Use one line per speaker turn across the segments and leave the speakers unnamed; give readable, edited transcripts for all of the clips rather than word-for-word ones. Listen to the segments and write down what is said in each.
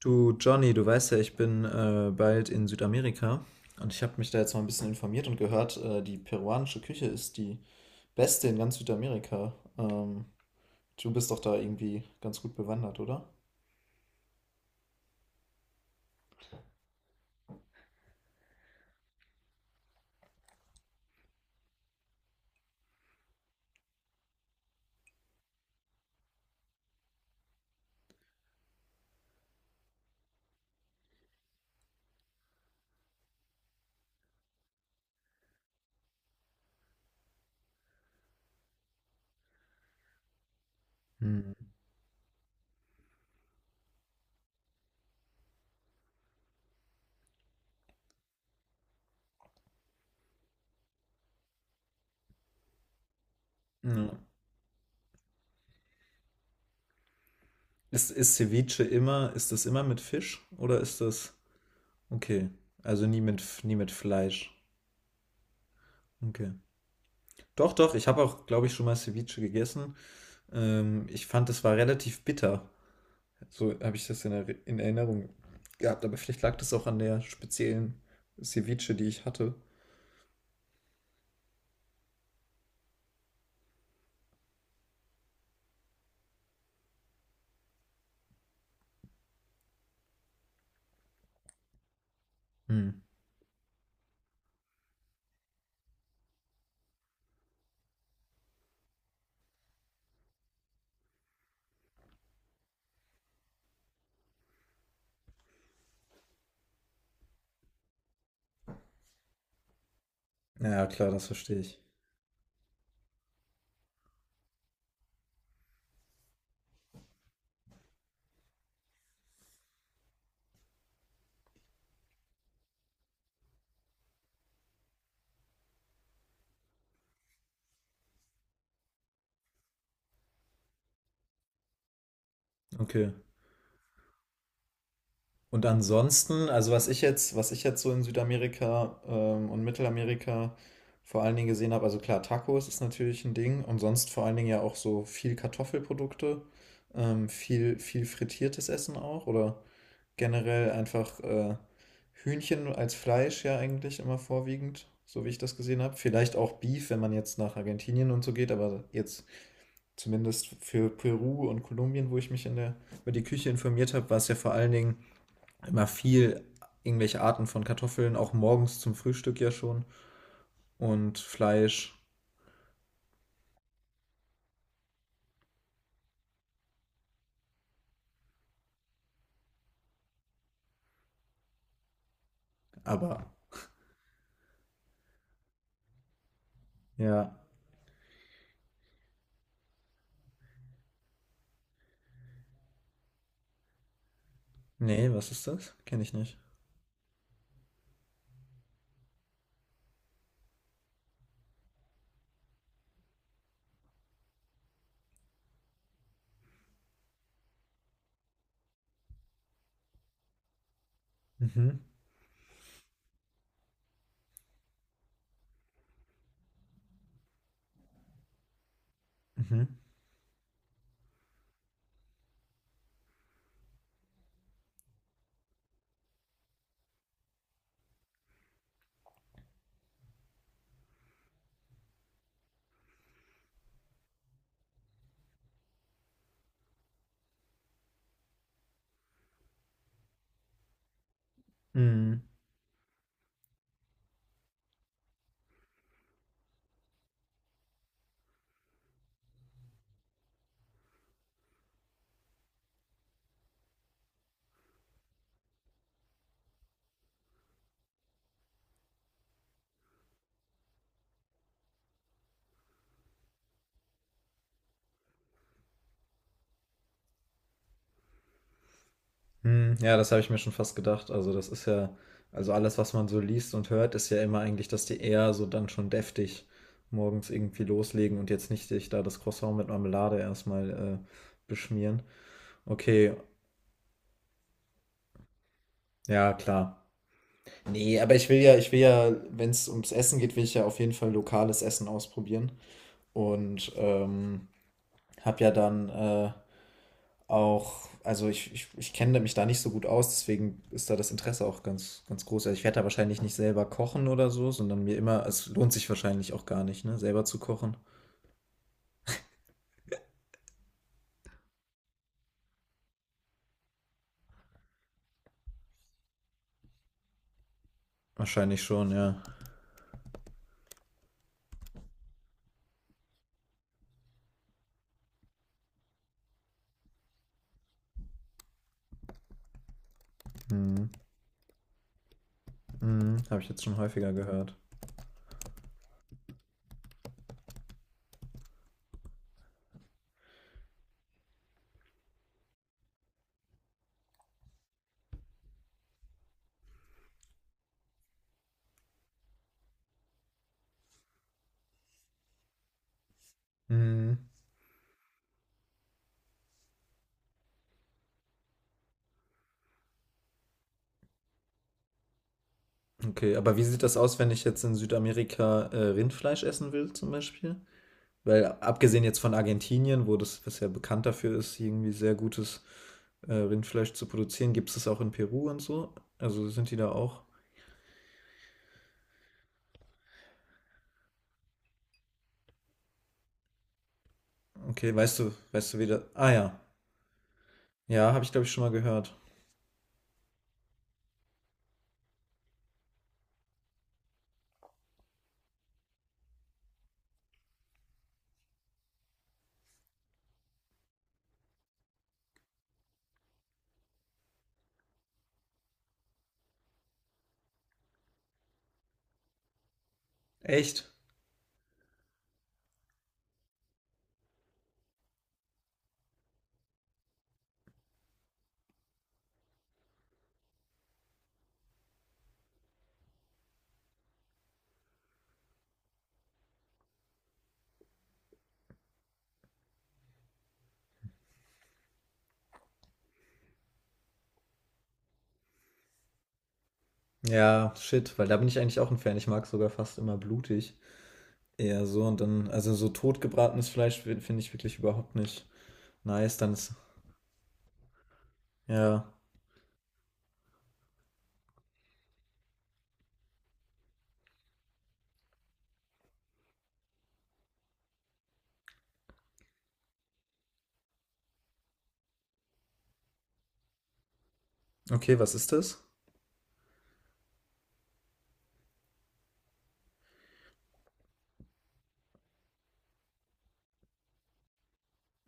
Du, Johnny, du weißt ja, ich bin bald in Südamerika und ich habe mich da jetzt mal ein bisschen informiert und gehört, die peruanische Küche ist die beste in ganz Südamerika. Du bist doch da irgendwie ganz gut bewandert, oder? Hm. Ja. Ist Ceviche immer, ist das immer mit Fisch oder ist das okay? Also nie mit, nie mit Fleisch. Okay. Doch, doch, ich habe auch, glaube ich, schon mal Ceviche gegessen. Ich fand, es war relativ bitter. So habe ich das in Erinnerung gehabt, aber vielleicht lag das auch an der speziellen Ceviche, die ich hatte. Hm. Ja, klar, das verstehe ich. Okay. Und ansonsten, also was ich jetzt so in Südamerika und Mittelamerika vor allen Dingen gesehen habe, also klar, Tacos ist natürlich ein Ding und sonst vor allen Dingen ja auch so viel Kartoffelprodukte, viel frittiertes Essen auch oder generell einfach Hühnchen als Fleisch ja eigentlich immer vorwiegend, so wie ich das gesehen habe. Vielleicht auch Beef, wenn man jetzt nach Argentinien und so geht, aber jetzt zumindest für Peru und Kolumbien, wo ich mich über die Küche informiert habe, war es ja vor allen Dingen immer viel irgendwelche Arten von Kartoffeln, auch morgens zum Frühstück ja schon und Fleisch, aber ja, nee, was ist das? Kenne ich nicht. Mhm, mhm, mhm. Hm, ja, das habe ich mir schon fast gedacht. Also das ist ja, also alles, was man so liest und hört, ist ja immer eigentlich, dass die eher so dann schon deftig morgens irgendwie loslegen und jetzt nicht sich da das Croissant mit Marmelade erstmal äh, beschmieren. Okay, ja, klar. Nee, aber ich will ja, wenn es ums Essen geht, will ich ja auf jeden Fall lokales Essen ausprobieren. Und habe ja dann auch, also ich kenne mich da nicht so gut aus, deswegen ist da das Interesse auch ganz groß. Also ich werde da wahrscheinlich nicht selber kochen oder so, sondern mir immer, es lohnt sich wahrscheinlich auch gar nicht, ne, selber zu kochen. Wahrscheinlich schon, ja. Hm, hm, habe ich jetzt schon häufiger gehört. Hm, okay, aber wie sieht das aus, wenn ich jetzt in Südamerika Rindfleisch essen will, zum Beispiel? Weil abgesehen jetzt von Argentinien, wo das bisher bekannt dafür ist, irgendwie sehr gutes Rindfleisch zu produzieren, gibt es das auch in Peru und so? Also sind die da auch? Okay, weißt du wieder. Ah ja. Ja, habe ich glaube ich schon mal gehört. Echt? Ja, shit, weil da bin ich eigentlich auch ein Fan. Ich mag sogar fast immer blutig. Eher so und dann, also so totgebratenes Fleisch finde ich wirklich überhaupt nicht nice. Dann ist, ja. Okay, was ist das?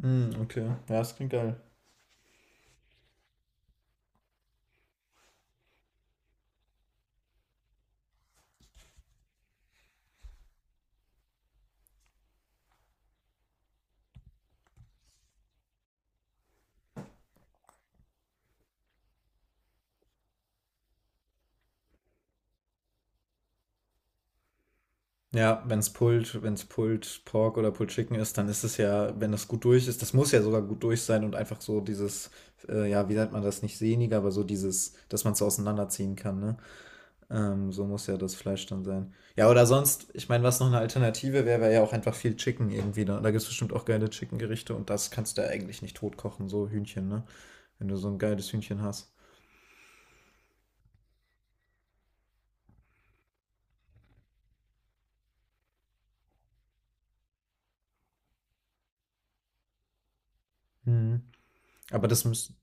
Mm, okay, ja, das klingt geil. Ja, wenn's Pulled Pork oder Pulled Chicken ist, dann ist es ja, wenn das gut durch ist, das muss ja sogar gut durch sein und einfach so dieses, ja, wie nennt man das, nicht sehniger, aber so dieses, dass man es so auseinanderziehen kann, ne? So muss ja das Fleisch dann sein. Ja, oder sonst, ich meine, was noch eine Alternative wäre, wäre ja auch einfach viel Chicken irgendwie. Da gibt es bestimmt auch geile Chicken-Gerichte und das kannst du ja eigentlich nicht tot kochen, so Hühnchen, ne? Wenn du so ein geiles Hühnchen hast. Mhm. Aber das müsste.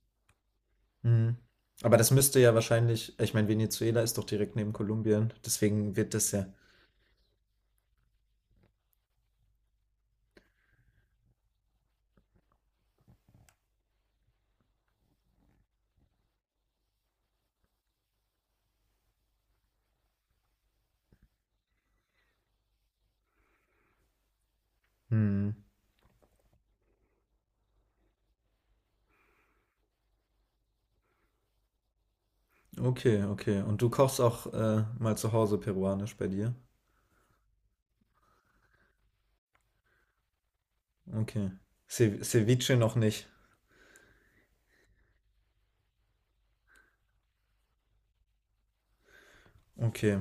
Mhm. Aber das müsste ja wahrscheinlich, ich meine, Venezuela ist doch direkt neben Kolumbien, deswegen wird das ja. Hm. Okay, okay. Und du kochst auch mal zu Hause peruanisch bei dir? Okay. Ce Ceviche noch nicht. Okay.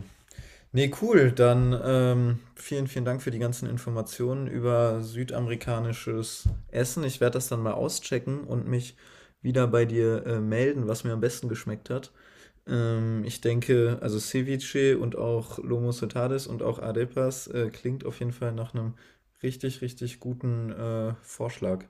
Nee, cool. Dann vielen Dank für die ganzen Informationen über südamerikanisches Essen. Ich werde das dann mal auschecken und mich wieder bei dir melden, was mir am besten geschmeckt hat. Ich denke, also Ceviche und auch Lomo Saltares und auch Arepas klingt auf jeden Fall nach einem richtig guten Vorschlag.